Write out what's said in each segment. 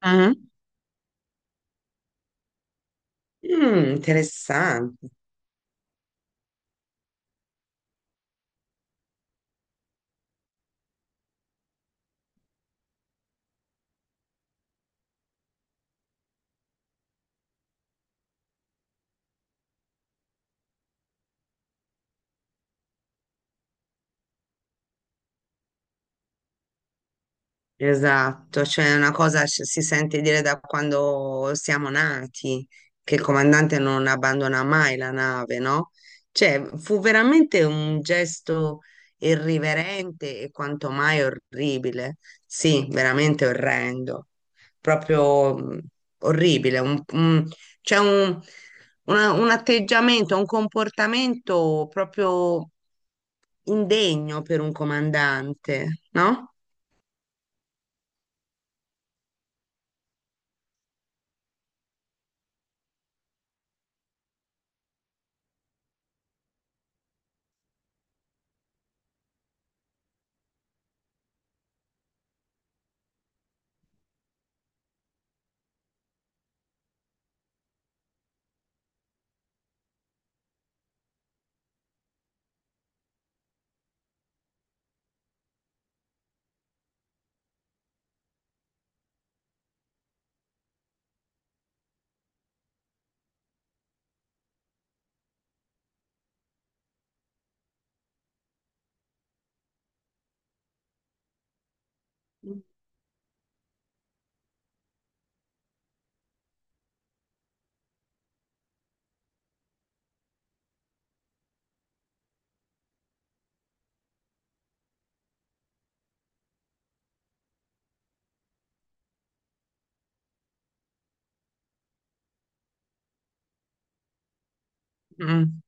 Ah, mm, interessante. Esatto, cioè una cosa si sente dire da quando siamo nati, che il comandante non abbandona mai la nave, no? Cioè, fu veramente un gesto irriverente e quanto mai orribile, sì, veramente orrendo, proprio orribile, c'è un atteggiamento, un comportamento proprio indegno per un comandante, no? Mm.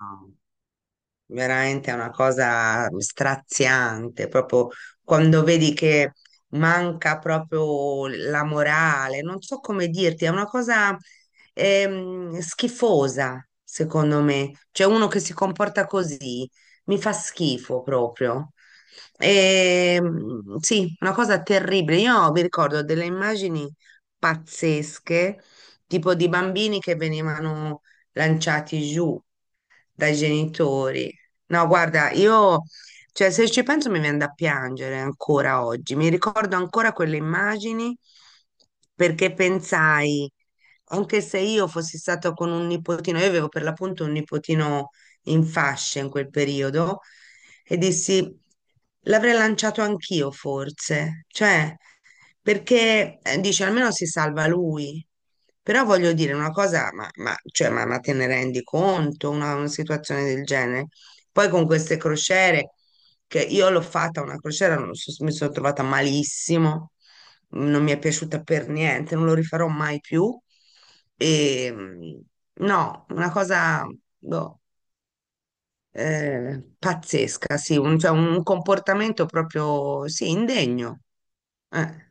No. Veramente è una cosa straziante, proprio quando vedi che manca proprio la morale, non so come dirti, è una cosa schifosa, secondo me. Cioè uno che si comporta così mi fa schifo proprio. Sì, una cosa terribile. Io mi ricordo delle immagini pazzesche, tipo di bambini che venivano lanciati giù dai genitori. No, guarda, io, cioè, se ci penso mi viene da piangere ancora oggi. Mi ricordo ancora quelle immagini perché pensai, anche se io fossi stato con un nipotino, io avevo per l'appunto un nipotino in fasce in quel periodo, e dissi, l'avrei lanciato anch'io forse. Cioè, perché dice almeno si salva lui. Però voglio dire una cosa, cioè, ma te ne rendi conto una situazione del genere? Poi con queste crociere, che io l'ho fatta una crociera, non so- mi sono trovata malissimo, non mi è piaciuta per niente, non lo rifarò mai più. E, mm, no, una cosa boh, pazzesca, sì, cioè, un comportamento proprio, sì, indegno. Eh.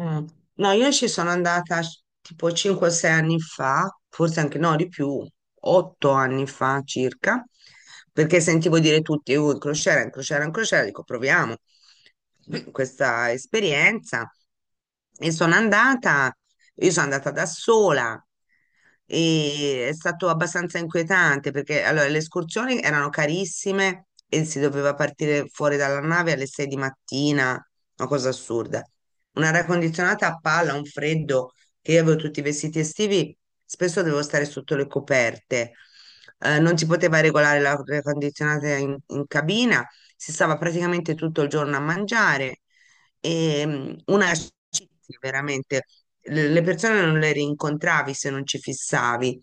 Mm. No, io ci sono andata tipo 5-6 anni fa, forse anche no, di più, 8 anni fa circa, perché sentivo dire tutti, in crociera, in crociera, in crociera, dico proviamo questa esperienza. E sono andata, io sono andata da sola e è stato abbastanza inquietante perché allora, le escursioni erano carissime e si doveva partire fuori dalla nave alle 6 di mattina, una cosa assurda. Un'aria condizionata a palla, un freddo, che io avevo tutti i vestiti estivi, spesso dovevo stare sotto le coperte. Non si poteva regolare l'aria condizionata in cabina, si stava praticamente tutto il giorno a mangiare. E, una scizia, veramente, le persone non le rincontravi se non ci fissavi.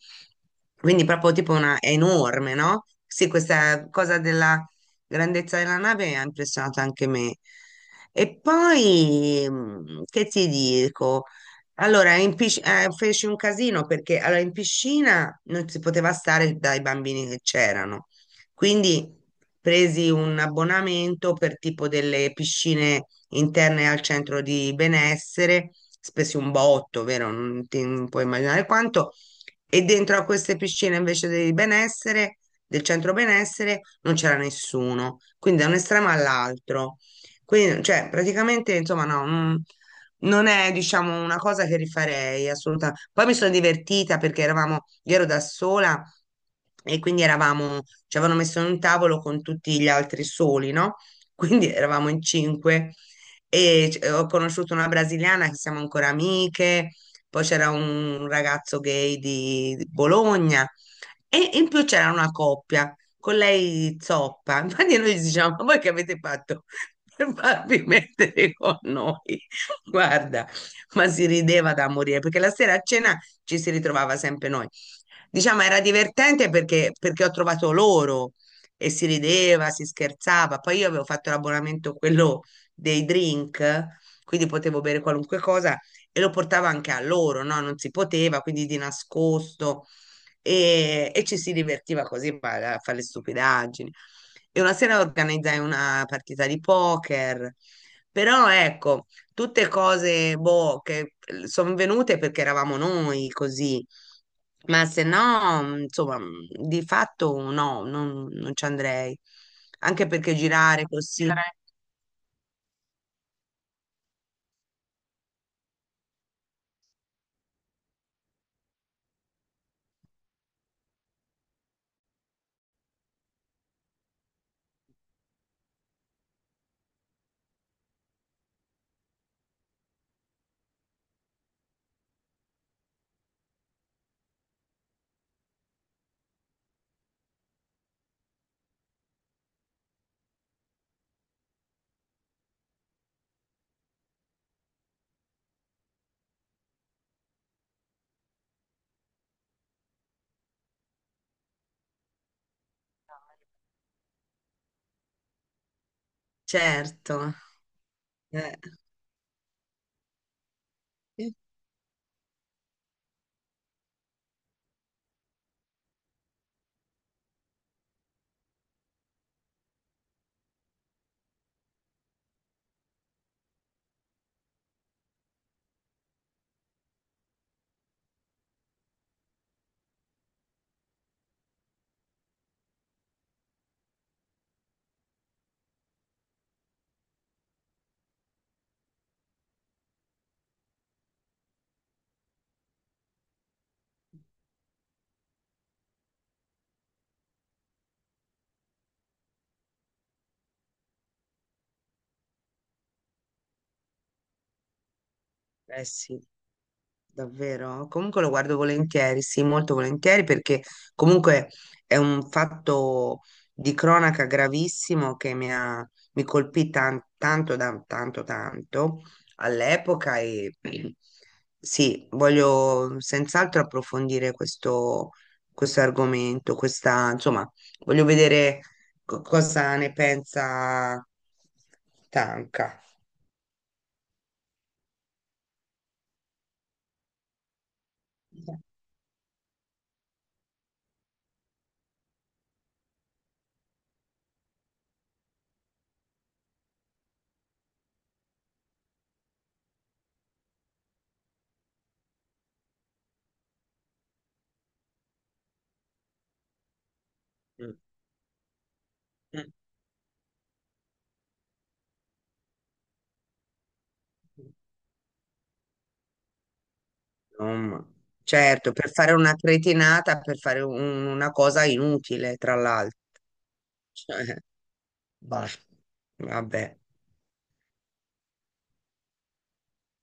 Quindi proprio tipo è enorme, no? Sì, questa cosa della grandezza della nave ha impressionato anche me. E poi, che ti dico? Allora, feci un casino perché allora, in piscina non si poteva stare dai bambini che c'erano. Quindi presi un abbonamento per tipo delle piscine interne al centro di benessere, spesi un botto, vero? Non puoi immaginare quanto. E dentro a queste piscine invece del benessere, del centro benessere, non c'era nessuno. Quindi da un estremo all'altro. Quindi, cioè, praticamente, insomma, no, non è, diciamo, una cosa che rifarei assolutamente. Poi mi sono divertita perché eravamo, io ero da sola e quindi eravamo, ci avevano messo in un tavolo con tutti gli altri soli, no? Quindi eravamo in cinque e ho conosciuto una brasiliana che siamo ancora amiche, poi c'era un ragazzo gay di Bologna e in più c'era una coppia con lei zoppa. Infatti noi gli diciamo, ma voi che avete fatto per farvi mettere con noi? Guarda, ma si rideva da morire perché la sera a cena ci si ritrovava sempre noi. Diciamo era divertente perché ho trovato loro e si rideva, si scherzava. Poi io avevo fatto l'abbonamento quello dei drink, quindi potevo bere qualunque cosa e lo portavo anche a loro, no? Non si poteva, quindi di nascosto e ci si divertiva così a fare le stupidaggini. E una sera organizzai una partita di poker, però ecco tutte cose, boh, che sono venute perché eravamo noi così, ma se no, insomma, di fatto no, non ci andrei. Anche perché girare così, chiedere. Certo. Eh, eh sì. Davvero? Comunque lo guardo volentieri, sì, molto volentieri perché comunque è un fatto di cronaca gravissimo che mi colpì tanto, tanto all'epoca e sì, voglio senz'altro approfondire questo, argomento, questa, insomma, voglio vedere cosa ne pensa Tanca. Mm. Insomma. Certo, per fare una cretinata, per fare una cosa inutile, tra l'altro. Cioè, Ba- vabbè.